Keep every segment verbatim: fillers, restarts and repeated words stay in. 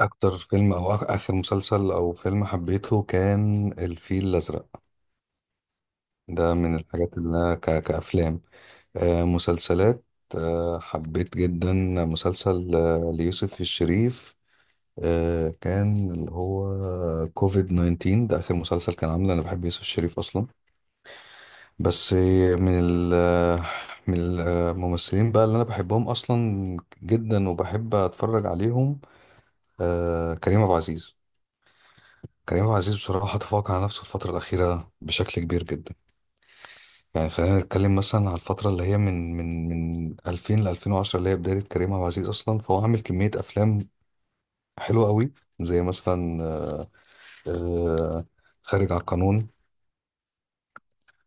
اكتر فيلم او آخ- اخر مسلسل او فيلم حبيته كان الفيل الازرق. ده من الحاجات اللي انا ك- كافلام. آه، مسلسلات. آه، حبيت جدا مسلسل آه، ليوسف الشريف. آه، كان اللي هو كوفيد تسعتاشر. ده اخر مسلسل كان عامله، انا بحب يوسف الشريف اصلا. بس من ال من الممثلين بقى اللي انا بحبهم اصلا جدا، وبحب اتفرج عليهم. آه، كريم عبد العزيز. كريم عبد العزيز بصراحة تفوق على نفسه الفترة الأخيرة بشكل كبير جدا. يعني خلينا نتكلم مثلا على الفترة اللي هي من من من ألفين ل ألفين وعشرة، اللي هي بداية كريم عبد العزيز أصلا، فهو عامل كمية أفلام حلوة قوي، زي مثلا آه، خارج على القانون.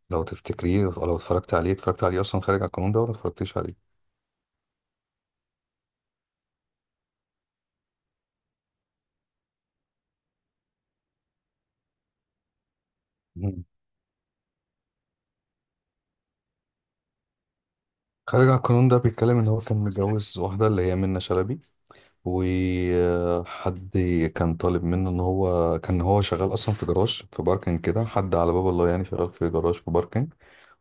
لو تفتكريه، لو اتفرجت عليه، اتفرجت عليه أصلا خارج على القانون ده ولا اتفرجتيش عليه؟ مم. خارج على القانون ده بيتكلم إن هو كان متجوز واحدة اللي هي منة شلبي، وحد كان طالب منه ان هو كان هو شغال اصلا في جراج، في باركنج كده، حد على باب الله يعني، شغال في جراج في باركنج.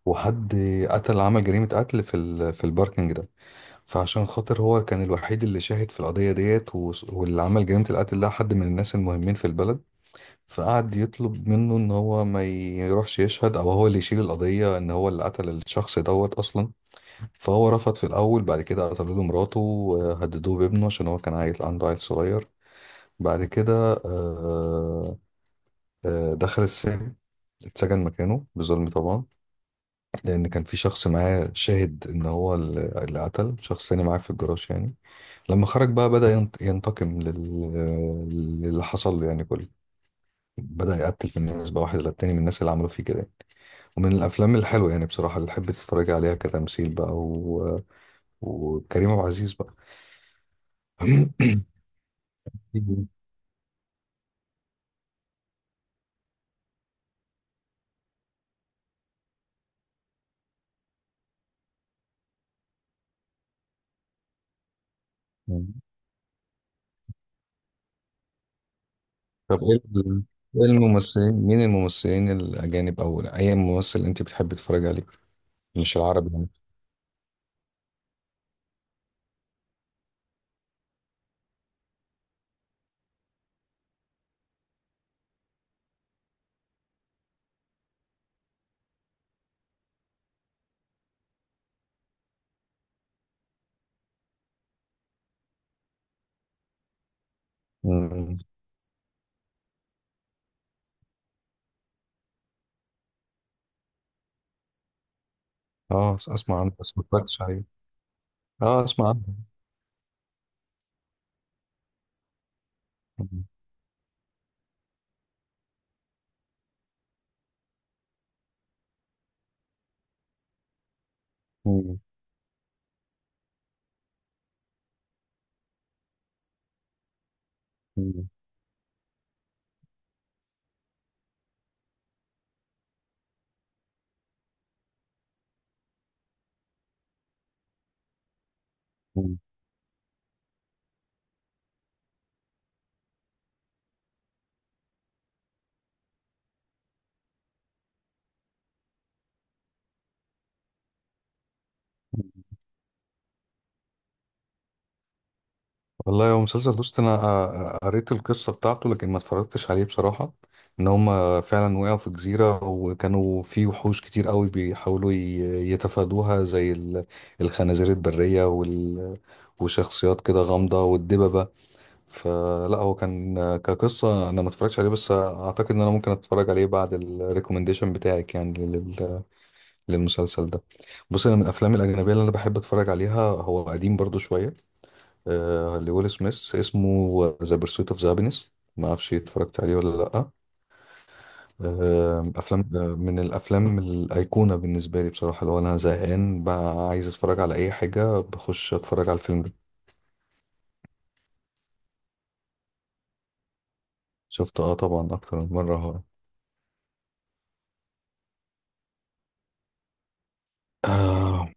وحد قتل، عمل جريمة قتل في ال... في الباركنج ده. فعشان خاطر هو كان الوحيد اللي شاهد في القضية ديت و... واللي عمل جريمة القتل ده حد من الناس المهمين في البلد. فقعد يطلب منه ان هو ما يروحش يشهد او هو اللي يشيل القضية ان هو اللي قتل الشخص دوت اصلا. فهو رفض في الاول، بعد كده قتلوا له مراته وهددوه بابنه عشان هو كان عيل عنده، عيل صغير. بعد كده آه، آه، دخل السجن. اتسجن مكانه بظلم طبعا، لان كان في شخص معاه شاهد ان هو ال- اللي قتل شخص تاني معاه في الجراج يعني. لما خرج بقى بدأ ينت- ينتقم لل- للي حصل له يعني، كله. بدأ يقتل في الناس بقى واحد للتاني من الناس اللي عملوا فيه كده. ومن الافلام الحلوه يعني بصراحه اللي تحب تتفرج عليها كتمثيل بقى و... وكريم عبد العزيز بقى. طب ايه ال- إيه الممثلين، مين الممثلين الأجانب أو أي ممثل أنت بتحب تتفرج عليه، مش العربي يعني؟ مم. اه أسمع عنه بس ما اتفرجتش عليه. اه أسمع عنه. مم. مم. مم. مم. والله هو مسلسل دوست. أنا آه، آه، قريت القصة بتاعته لكن ما اتفرجتش عليه بصراحة. إن هما فعلا وقعوا في جزيرة وكانوا في وحوش كتير قوي بيحاولوا ي- يتفادوها زي ال- الخنازير البرية وال وشخصيات كده غامضة والدببة. فلا هو كان كقصة أنا ما اتفرجتش عليه، بس أعتقد إن أنا ممكن أتفرج عليه بعد الريكومنديشن بتاعك يعني لل- للمسلسل ده. بص، أنا من الأفلام الأجنبية اللي أنا بحب أتفرج عليها، هو قديم برضو شوية. آه، لويل سميث، اسمه ذا بيرسويت أوف ذا هابينس. ما أعرفش اتفرجت عليه ولا لأ. آه، أفلام آه، من الأفلام الأيقونة بالنسبة لي بصراحة، اللي هو أنا زهقان بقى عايز أتفرج على أي حاجة، بخش أتفرج على الفيلم ده. شفته أه طبعا أكتر من مرة. آه،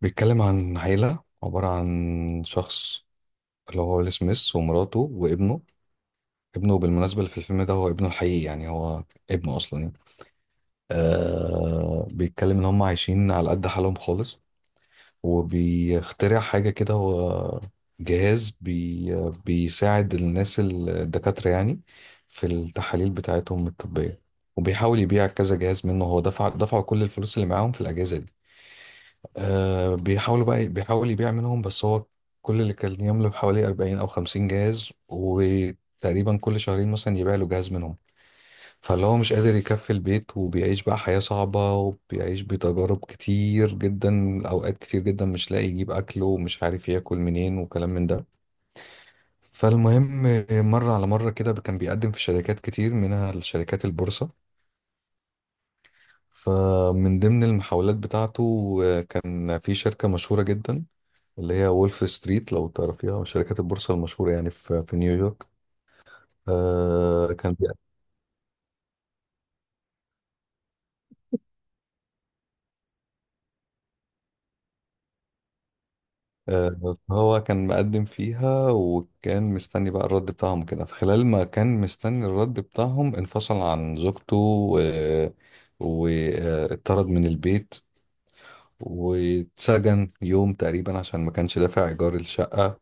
بيتكلم عن عيلة عبارة عن شخص اللي هو ويل سميث ومراته وابنه. ابنه بالمناسبة اللي في الفيلم ده هو ابنه الحقيقي يعني، هو ابنه أصلا يعني. آه بيتكلم إن هم عايشين على قد حالهم خالص، وبيخترع حاجة كده، هو جهاز بي بيساعد الناس ال- الدكاترة يعني في التحاليل بتاعتهم الطبية. وبيحاول يبيع كذا جهاز منه، هو دفع دفعوا كل الفلوس اللي معاهم في الأجهزة دي. آه بيحاولوا بقى بيحاول يبيع منهم، بس هو كل اللي كان يملك حوالي أربعين او خمسين جهاز، وتقريبا كل شهرين مثلا يبيع له جهاز منهم. فاللي هو مش قادر يكفي البيت وبيعيش بقى حياة صعبة، وبيعيش بتجارب كتير جدا، اوقات كتير جدا مش لاقي يجيب اكله ومش عارف ياكل منين وكلام من ده. فالمهم آه، مرة على مرة كده كان بيقدم في شركات كتير منها الشركات البورصة. فمن ضمن المحاولات بتاعته آه، كان في شركة مشهورة جدا اللي هي وولف ستريت، لو تعرفيها، شركات البورصة المشهورة يعني في في نيويورك. آه كان بي- آه هو كان مقدم فيها، وكان مستني بقى الرد بتاعهم كده، في خلال ما كان مستني الرد بتاعهم انفصل عن زوجته واتطرد من البيت، واتسجن يوم تقريبا عشان ما كانش دافع إيجار الشقة.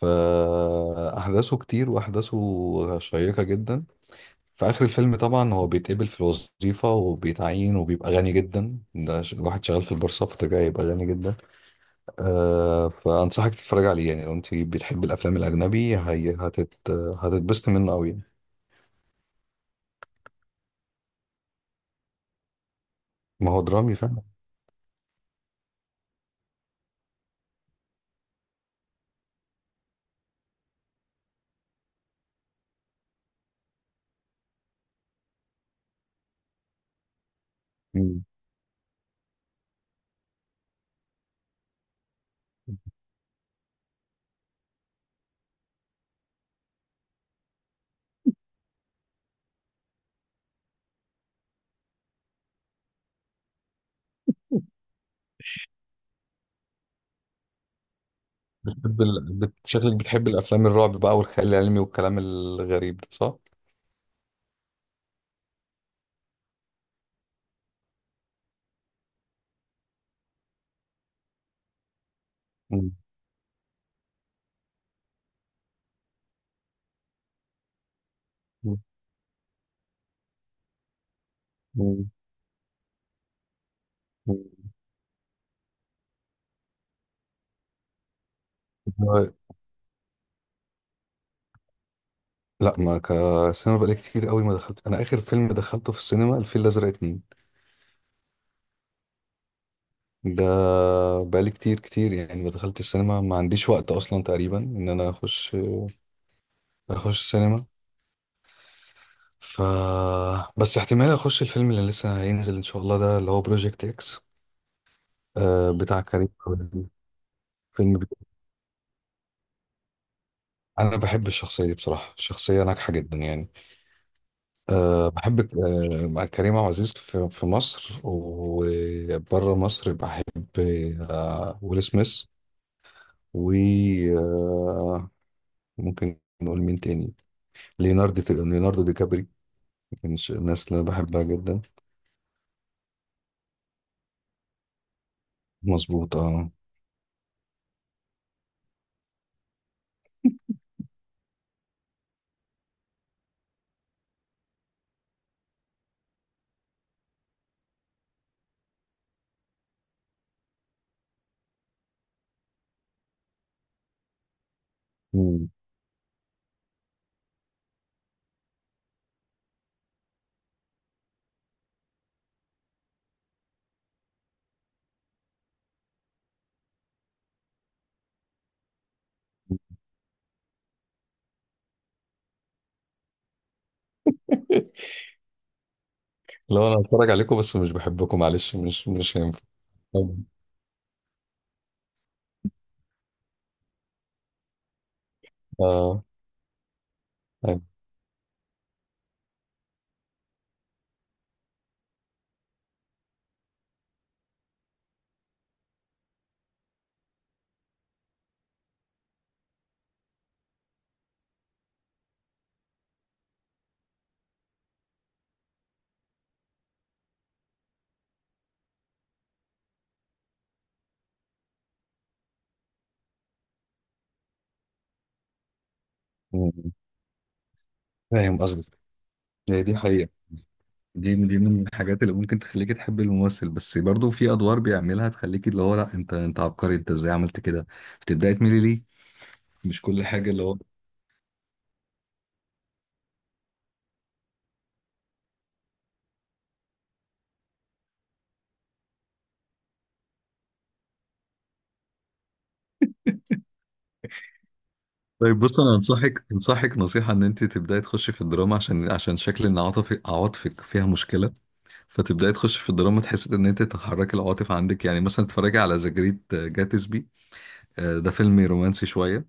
فأحداثه كتير وأحداثه شيقة جدا. في آخر الفيلم طبعا هو بيتقبل في الوظيفة وبيتعين وبيبقى غني جدا، ده ش- واحد شغال في البورصة فطبيعي يبقى غني جدا. آه فأنصحك تتفرج عليه يعني لو أنت بتحب الأفلام الأجنبي. هي هتت هتتبسط منه أوي يعني. ما هو درامي فعلا. مم. بتحب ال... بت... شكلك بتحب الأفلام الرعب بقى والخيال العلمي والكلام الغريب ده، صح؟ مم. مم. مم. مم. لا ما كسينما، بقالي كتير قوي ما دخلت. أنا آخر فيلم دخلته في السينما الفيل الأزرق اتنين ده. بقالي كتير كتير يعني ما دخلت السينما، ما عنديش وقت اصلا تقريبا ان انا اخش اخش السينما. ف بس احتمال اخش الفيلم اللي لسه هينزل ان شاء الله ده اللي هو بروجكت اكس، آه بتاع كريم عبد العزيز. فيلم بت- انا بحب الشخصيه دي بصراحه، شخصيه ناجحه جدا يعني. أه بحب ك- آه، مع كريم عبد العزيز في, في مصر وبره مصر، بحب أه ويل سميث. وممكن نقول مين تاني؟ ليوناردو، ليوناردو دي كابريو، كانش الناس اللي أنا بحبها جدا. مظبوط اه. مم. لو انا هتفرج عليكم بس مش بحبكم معلش، مش مش هينفع. طبعاً. اه. أيوة. مم. فاهم قصدك. هي دي حقيقة. دي دي من الحاجات اللي ممكن تخليكي تحبي الممثل، بس برضو في ادوار بيعملها تخليكي اللي هو لا انت، انت عبقري، انت ازاي عملت كده، بتبداي تميلي ليه، مش كل حاجة اللي هو. طيب بص انا انصحك انصحك نصيحة ان انت تبداي تخشي في الدراما، عشان عشان شكل ان عاطفك عواطفك فيها مشكلة، فتبداي تخش في الدراما تحس ان انت تحركي العواطف عندك، يعني مثلا اتفرجي على ذا جريت جاتسبي، ده فيلم رومانسي شويه،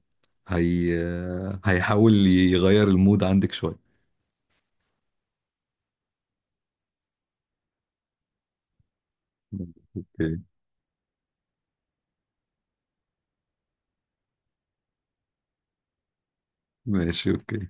هي آه، هيحاول يغير المود عندك شويه. اوكي. ماشي. اوكي.